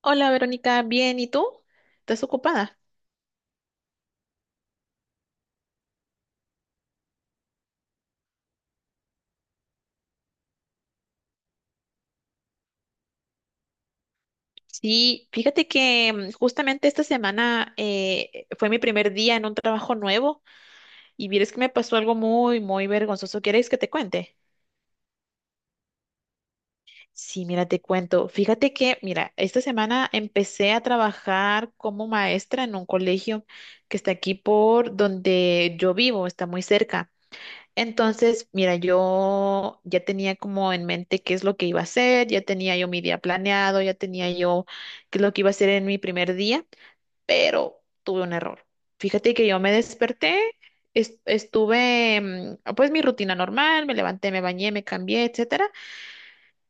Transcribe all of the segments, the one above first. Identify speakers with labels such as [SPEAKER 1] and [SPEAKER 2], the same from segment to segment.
[SPEAKER 1] Hola Verónica, bien, ¿y tú? ¿Estás ocupada? Sí, fíjate que justamente esta semana fue mi primer día en un trabajo nuevo y vieres que me pasó algo muy, muy vergonzoso. ¿Quieres que te cuente? Sí, mira, te cuento. Fíjate que, mira, esta semana empecé a trabajar como maestra en un colegio que está aquí por donde yo vivo, está muy cerca. Entonces, mira, yo ya tenía como en mente qué es lo que iba a hacer, ya tenía yo mi día planeado, ya tenía yo qué es lo que iba a hacer en mi primer día, pero tuve un error. Fíjate que yo me desperté, estuve, pues mi rutina normal, me levanté, me bañé, me cambié, etcétera,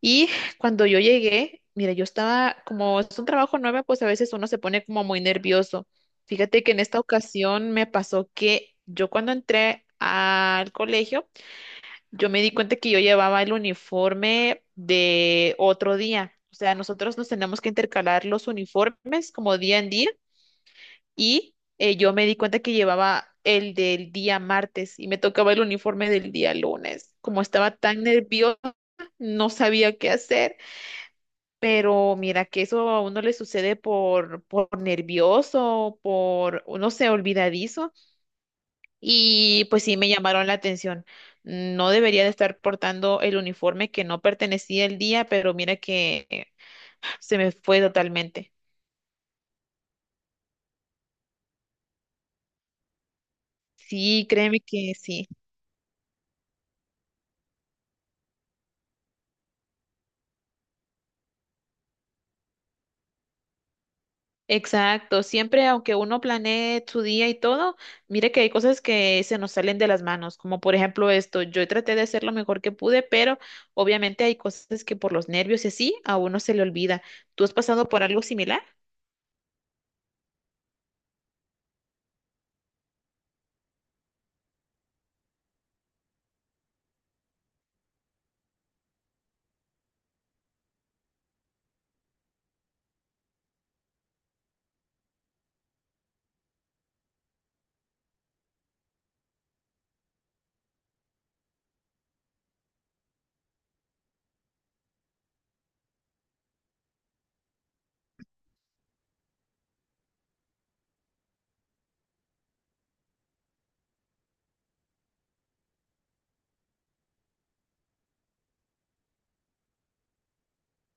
[SPEAKER 1] y cuando yo llegué, mira, yo estaba como es un trabajo nuevo, pues a veces uno se pone como muy nervioso. Fíjate que en esta ocasión me pasó que yo cuando entré al colegio yo me di cuenta que yo llevaba el uniforme de otro día. O sea, nosotros nos tenemos que intercalar los uniformes como día en día y yo me di cuenta que llevaba el del día martes y me tocaba el uniforme del día lunes. Como estaba tan nerviosa, no sabía qué hacer, pero mira que eso a uno le sucede por nervioso, por, no sé, olvidadizo. Y pues sí me llamaron la atención. No debería de estar portando el uniforme que no pertenecía el día, pero mira que se me fue totalmente. Sí, créeme que sí. Exacto. Siempre, aunque uno planee su día y todo, mire que hay cosas que se nos salen de las manos, como por ejemplo esto. Yo traté de hacer lo mejor que pude, pero obviamente hay cosas que por los nervios y así a uno se le olvida. ¿Tú has pasado por algo similar?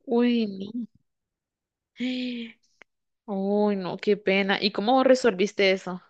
[SPEAKER 1] Uy, no. Uy, no, qué pena. ¿Y cómo resolviste eso?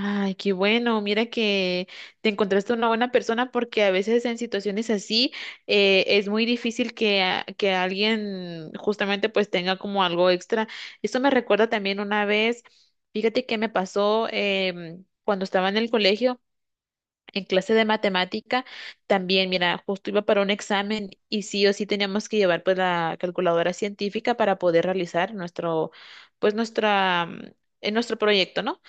[SPEAKER 1] Ay, qué bueno. Mira que te encontraste una buena persona porque a veces en situaciones así es muy difícil que, que alguien justamente pues tenga como algo extra. Esto me recuerda también una vez, fíjate que me pasó cuando estaba en el colegio. En clase de matemática también, mira, justo iba para un examen y sí o sí teníamos que llevar pues la calculadora científica para poder realizar nuestro, pues nuestra, nuestro proyecto, ¿no?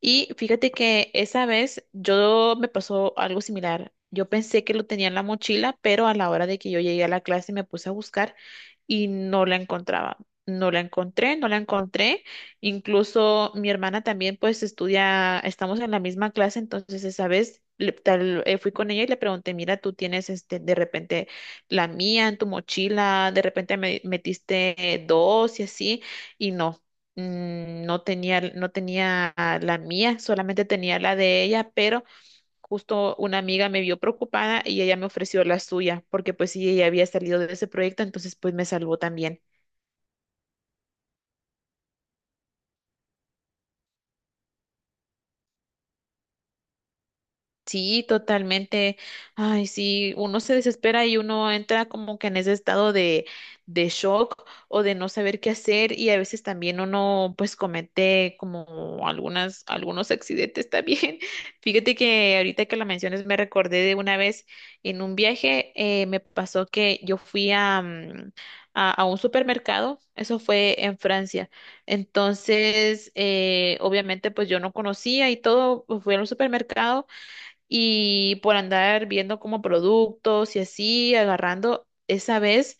[SPEAKER 1] Y fíjate que esa vez yo me pasó algo similar. Yo pensé que lo tenía en la mochila, pero a la hora de que yo llegué a la clase me puse a buscar y no la encontraba. No la encontré, no la encontré. Incluso mi hermana también pues estudia, estamos en la misma clase, entonces esa vez fui con ella y le pregunté, mira, tú tienes este, de repente la mía en tu mochila, de repente me metiste dos y así, y no, no tenía, no tenía la mía, solamente tenía la de ella, pero justo una amiga me vio preocupada y ella me ofreció la suya, porque pues sí, ella había salido de ese proyecto, entonces pues me salvó también. Sí, totalmente. Ay, sí, uno se desespera y uno entra como que en ese estado de shock o de no saber qué hacer y a veces también uno pues comete como algunas, algunos accidentes también. Fíjate que ahorita que lo mencionas me recordé de una vez en un viaje, me pasó que yo fui a un supermercado, eso fue en Francia. Entonces, obviamente pues yo no conocía y todo, pues, fui al supermercado y por andar viendo como productos y así, agarrando, esa vez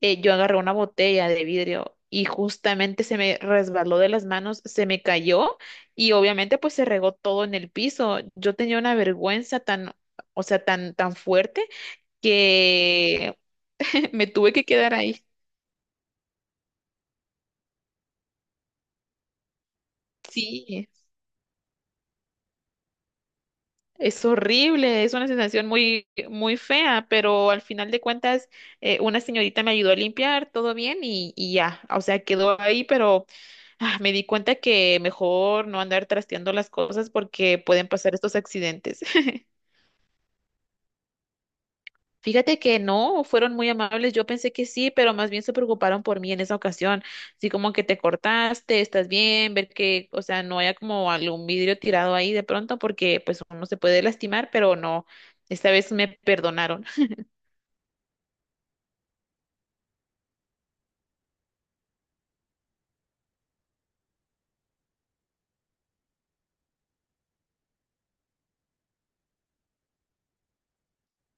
[SPEAKER 1] yo agarré una botella de vidrio y justamente se me resbaló de las manos, se me cayó y obviamente pues se regó todo en el piso. Yo tenía una vergüenza tan, o sea, tan fuerte que me tuve que quedar ahí. Sí. Es horrible, es una sensación muy, muy fea, pero al final de cuentas, una señorita me ayudó a limpiar, todo bien y ya, o sea, quedó ahí, pero me di cuenta que mejor no andar trasteando las cosas porque pueden pasar estos accidentes. Fíjate que no, fueron muy amables. Yo pensé que sí, pero más bien se preocuparon por mí en esa ocasión. Así como que te cortaste, estás bien, ver que, o sea, no haya como algún vidrio tirado ahí de pronto, porque pues uno se puede lastimar, pero no. Esta vez me perdonaron.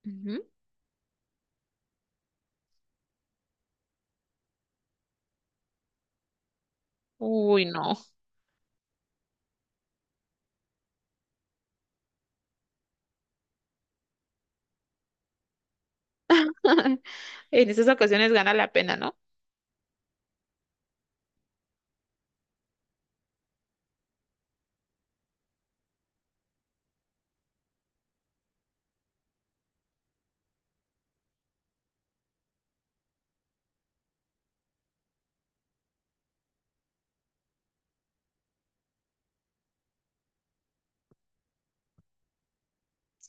[SPEAKER 1] Ujú. Uy, no. En esas ocasiones gana la pena, ¿no?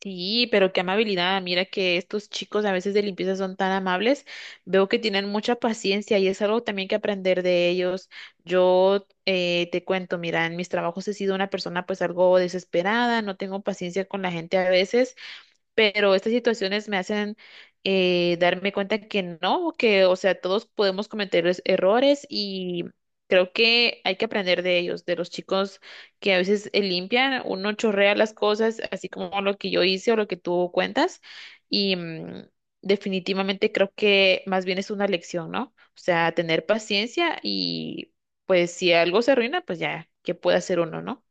[SPEAKER 1] Sí, pero qué amabilidad. Mira que estos chicos a veces de limpieza son tan amables. Veo que tienen mucha paciencia y es algo también que aprender de ellos. Yo te cuento, mira, en mis trabajos he sido una persona pues algo desesperada, no tengo paciencia con la gente a veces pero estas situaciones me hacen darme cuenta que no, que, o sea, todos podemos cometer errores y creo que hay que aprender de ellos, de los chicos que a veces limpian, uno chorrea las cosas, así como lo que yo hice o lo que tú cuentas, y definitivamente creo que más bien es una lección, ¿no? O sea, tener paciencia y pues si algo se arruina, pues ya, ¿qué puede hacer uno, no?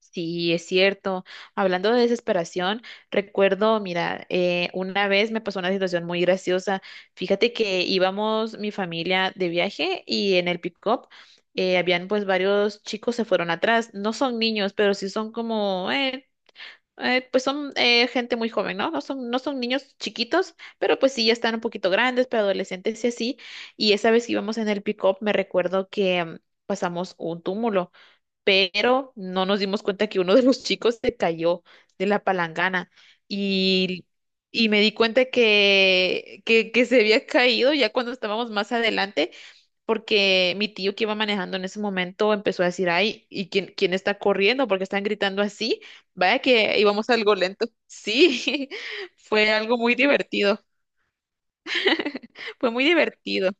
[SPEAKER 1] Sí, es cierto. Hablando de desesperación, recuerdo, mira, una vez me pasó una situación muy graciosa. Fíjate que íbamos mi familia de viaje y en el pick-up habían pues varios chicos se fueron atrás. No son niños, pero sí son como, pues son gente muy joven, ¿no? No son niños chiquitos, pero pues sí ya están un poquito grandes, pero adolescentes y así. Y esa vez que íbamos en el pick-up, me recuerdo que pasamos un túmulo pero no nos dimos cuenta que uno de los chicos se cayó de la palangana y, y me di cuenta que, que se había caído ya cuando estábamos más adelante, porque mi tío que iba manejando en ese momento empezó a decir, ay, ¿y quién está corriendo? Porque están gritando así. Vaya que íbamos algo lento. Sí, fue algo muy divertido, fue muy divertido.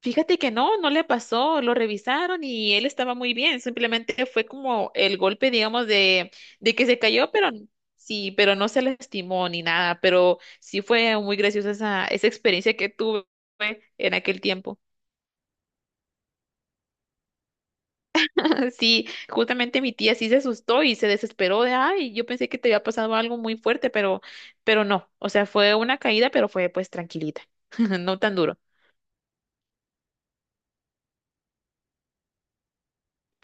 [SPEAKER 1] Fíjate que no, no le pasó, lo revisaron y él estaba muy bien, simplemente fue como el golpe, digamos, de que se cayó, pero sí, pero no se lastimó ni nada, pero sí fue muy graciosa esa experiencia que tuve en aquel tiempo. Sí, justamente mi tía sí se asustó y se desesperó de, ay, yo pensé que te había pasado algo muy fuerte, pero, no, o sea, fue una caída, pero fue pues tranquilita, no tan duro.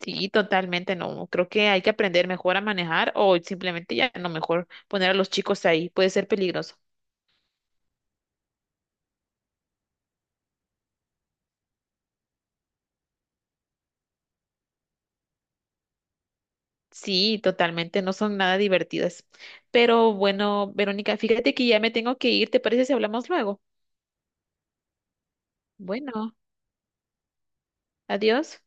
[SPEAKER 1] Sí, totalmente, no. Creo que hay que aprender mejor a manejar o simplemente ya no mejor poner a los chicos ahí. Puede ser peligroso. Sí, totalmente, no son nada divertidas. Pero bueno, Verónica, fíjate que ya me tengo que ir. ¿Te parece si hablamos luego? Bueno, adiós.